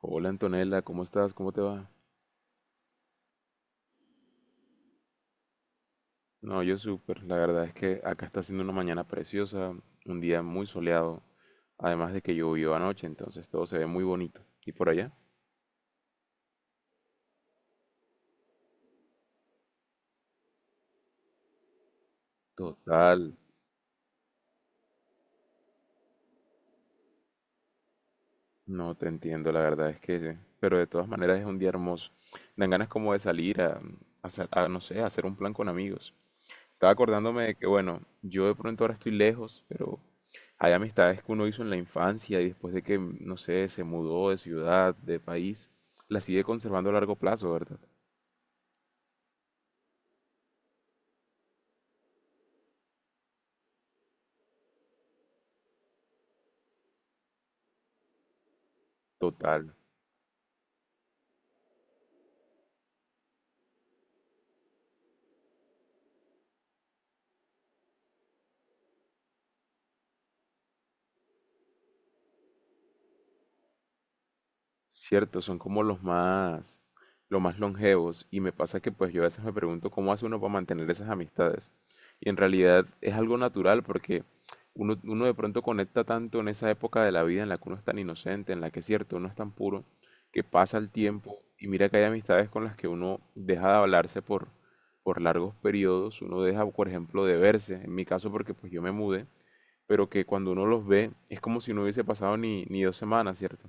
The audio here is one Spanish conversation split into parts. Hola Antonella, ¿cómo estás? ¿Cómo te va? No, yo súper. La verdad es que acá está siendo una mañana preciosa, un día muy soleado, además de que llovió anoche, entonces todo se ve muy bonito. ¿Y por allá? Total. No te entiendo, la verdad es que, pero de todas maneras es un día hermoso. Dan ganas como de salir a, no sé, a hacer un plan con amigos. Estaba acordándome de que, bueno, yo de pronto ahora estoy lejos, pero hay amistades que uno hizo en la infancia y después de que, no sé, se mudó de ciudad, de país, las sigue conservando a largo plazo, ¿verdad? Total. Cierto, son como los más longevos, y me pasa que pues yo a veces me pregunto cómo hace uno para mantener esas amistades. Y en realidad es algo natural porque uno de pronto conecta tanto en esa época de la vida en la que uno es tan inocente, en la que es cierto, uno es tan puro, que pasa el tiempo y mira que hay amistades con las que uno deja de hablarse por largos periodos, uno deja, por ejemplo, de verse, en mi caso porque pues yo me mudé, pero que cuando uno los ve es como si no hubiese pasado ni, ni dos semanas, ¿cierto?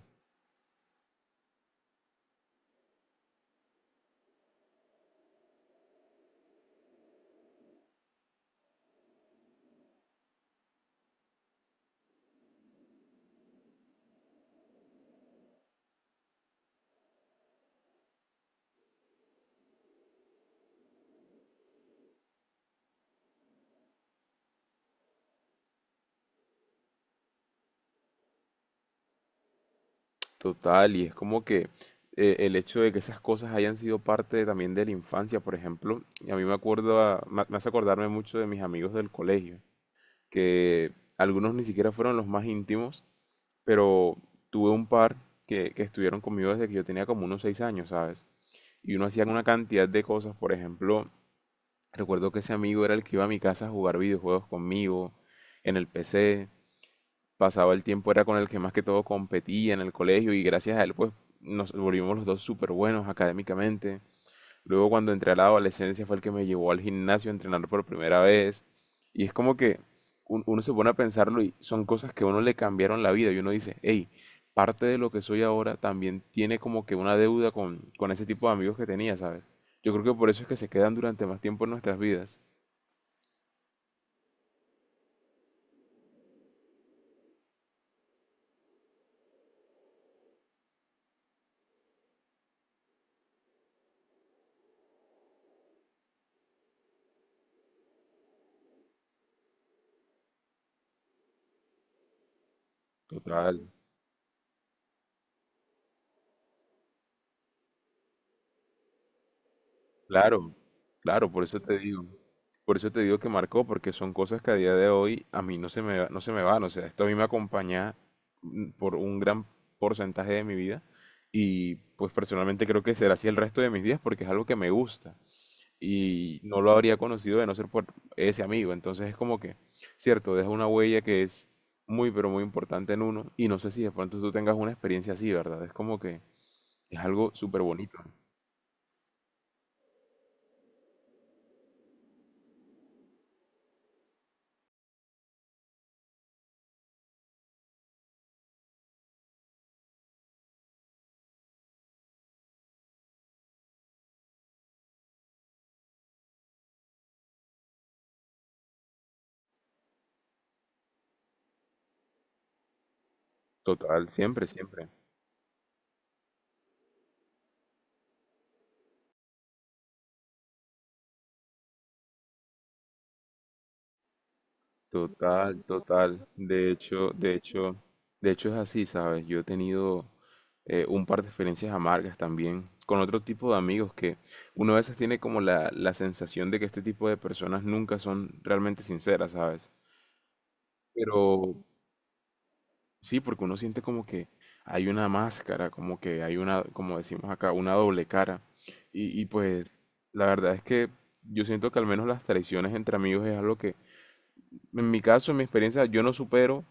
Total, y es como que el hecho de que esas cosas hayan sido parte también de la infancia, por ejemplo, y a mí me acuerdo, me hace acordarme mucho de mis amigos del colegio, que algunos ni siquiera fueron los más íntimos, pero tuve un par que estuvieron conmigo desde que yo tenía como unos seis años, ¿sabes? Y uno hacía una cantidad de cosas, por ejemplo, recuerdo que ese amigo era el que iba a mi casa a jugar videojuegos conmigo en el PC, pasaba el tiempo era con el que más que todo competía en el colegio, y gracias a él pues nos volvimos los dos súper buenos académicamente. Luego cuando entré a la adolescencia fue el que me llevó al gimnasio a entrenar por primera vez. Y es como que uno se pone a pensarlo y son cosas que a uno le cambiaron la vida, y uno dice, hey, parte de lo que soy ahora también tiene como que una deuda con ese tipo de amigos que tenía, ¿sabes? Yo creo que por eso es que se quedan durante más tiempo en nuestras vidas. Total. Claro, claro, por eso te digo, por eso te digo que marcó, porque son cosas que a día de hoy a mí no se me, no se me van, o sea, esto a mí me acompaña por un gran porcentaje de mi vida, y pues personalmente creo que será así el resto de mis días porque es algo que me gusta y no lo habría conocido de no ser por ese amigo, entonces es como que, cierto, deja una huella que es muy pero muy importante en uno, y no sé si de pronto tú tengas una experiencia así, ¿verdad? Es como que es algo súper bonito, total, siempre, siempre. Total, total. De hecho, de hecho, de hecho es así, ¿sabes? Yo he tenido un par de experiencias amargas también con otro tipo de amigos que uno a veces tiene como la sensación de que este tipo de personas nunca son realmente sinceras, ¿sabes? Pero sí, porque uno siente como que hay una máscara, como que hay una, como decimos acá, una doble cara. Y pues la verdad es que yo siento que al menos las traiciones entre amigos es algo que en mi caso, en mi experiencia, yo no supero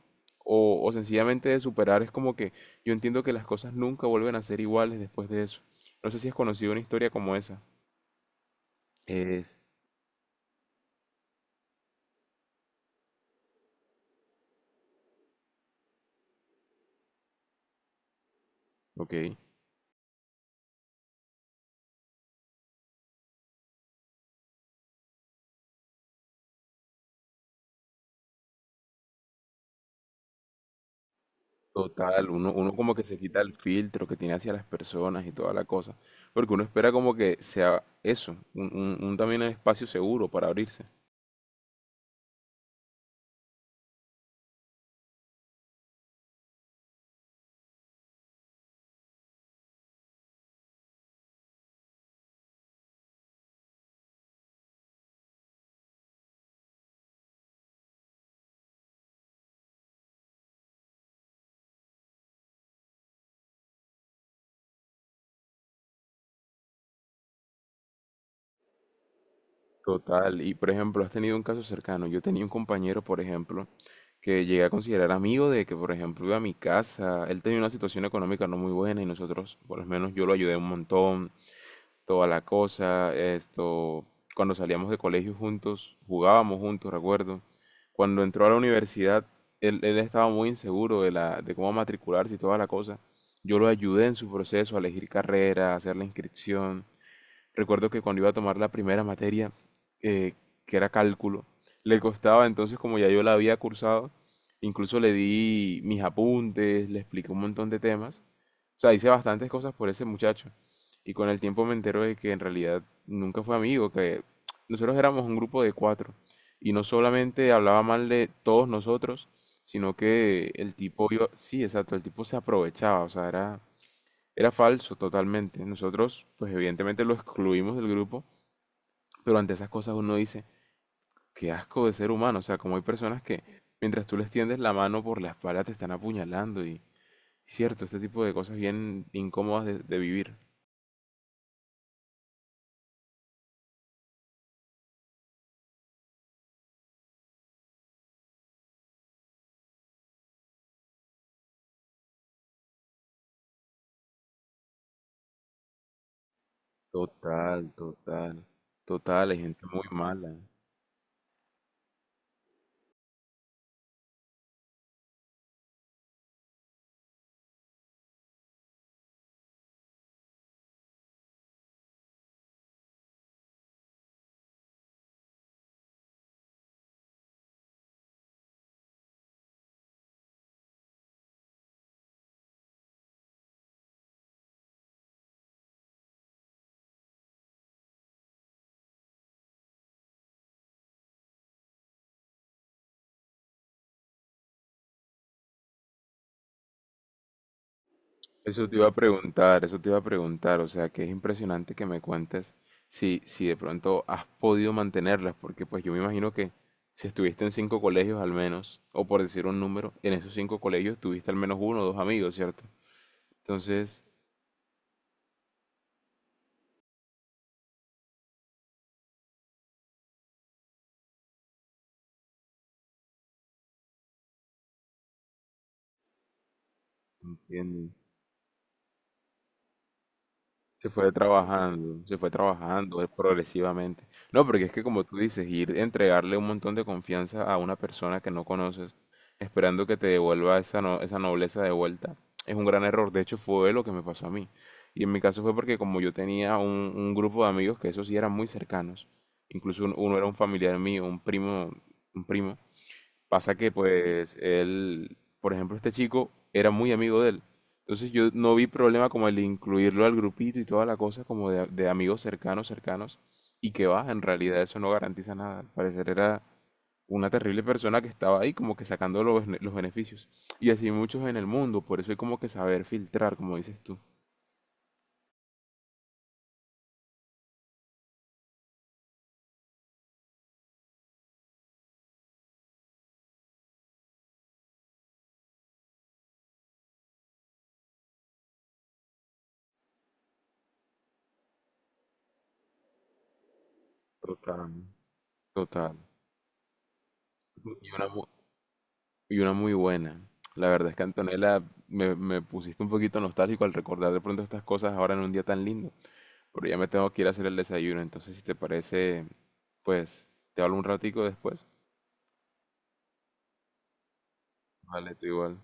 o sencillamente de superar, es como que yo entiendo que las cosas nunca vuelven a ser iguales después de eso. No sé si has conocido una historia como esa. Es, ok, total, uno, uno como que se quita el filtro que tiene hacia las personas y toda la cosa, porque uno espera como que sea eso, un también espacio seguro para abrirse. Total, y por ejemplo, has tenido un caso cercano. Yo tenía un compañero, por ejemplo, que llegué a considerar amigo, de que, por ejemplo, iba a mi casa. Él tenía una situación económica no muy buena y nosotros, por lo menos yo lo ayudé un montón, toda la cosa, esto, cuando salíamos de colegio juntos, jugábamos juntos, recuerdo. Cuando entró a la universidad, él estaba muy inseguro de la, de cómo matricularse y toda la cosa. Yo lo ayudé en su proceso a elegir carrera, a hacer la inscripción. Recuerdo que cuando iba a tomar la primera materia, eh, que era cálculo, le costaba, entonces como ya yo la había cursado, incluso le di mis apuntes, le expliqué un montón de temas. O sea, hice bastantes cosas por ese muchacho. Y con el tiempo me entero de que en realidad nunca fue amigo, que nosotros éramos un grupo de cuatro. Y no solamente hablaba mal de todos nosotros, sino que el tipo iba, sí, exacto, el tipo se aprovechaba, o sea, era falso totalmente. Nosotros, pues evidentemente lo excluimos del grupo, pero ante esas cosas uno dice, qué asco de ser humano. O sea, como hay personas que mientras tú les tiendes la mano por la espalda te están apuñalando, y cierto, este tipo de cosas bien incómodas de vivir. Total, total, total, hay gente muy mala. Eso te iba a preguntar, eso te iba a preguntar, o sea, que es impresionante que me cuentes si, si de pronto has podido mantenerlas, porque pues yo me imagino que si estuviste en cinco colegios al menos, o por decir un número, en esos cinco colegios tuviste al menos uno o dos amigos, ¿cierto? Entonces, entiendo. Se fue trabajando progresivamente. No, porque es que como tú dices, ir entregarle un montón de confianza a una persona que no conoces, esperando que te devuelva esa, no- esa nobleza de vuelta, es un gran error. De hecho, fue lo que me pasó a mí. Y en mi caso fue porque como yo tenía un grupo de amigos que esos sí eran muy cercanos, incluso uno era un familiar mío, un primo, un primo. Pasa que pues él, por ejemplo, este chico era muy amigo de él. Entonces yo no vi problema como el de incluirlo al grupito y toda la cosa como de amigos cercanos, cercanos. Y que va, en realidad eso no garantiza nada. Al parecer era una terrible persona que estaba ahí como que sacando los, los beneficios. Y así muchos en el mundo, por eso hay como que saber filtrar, como dices tú. Total. Total. Y una, mu- Y una muy buena. La verdad es que Antonella, me pusiste un poquito nostálgico al recordar de pronto estas cosas ahora en un día tan lindo. Pero ya me tengo que ir a hacer el desayuno. Entonces, si te parece, pues te hablo un ratico después. Vale, tú igual.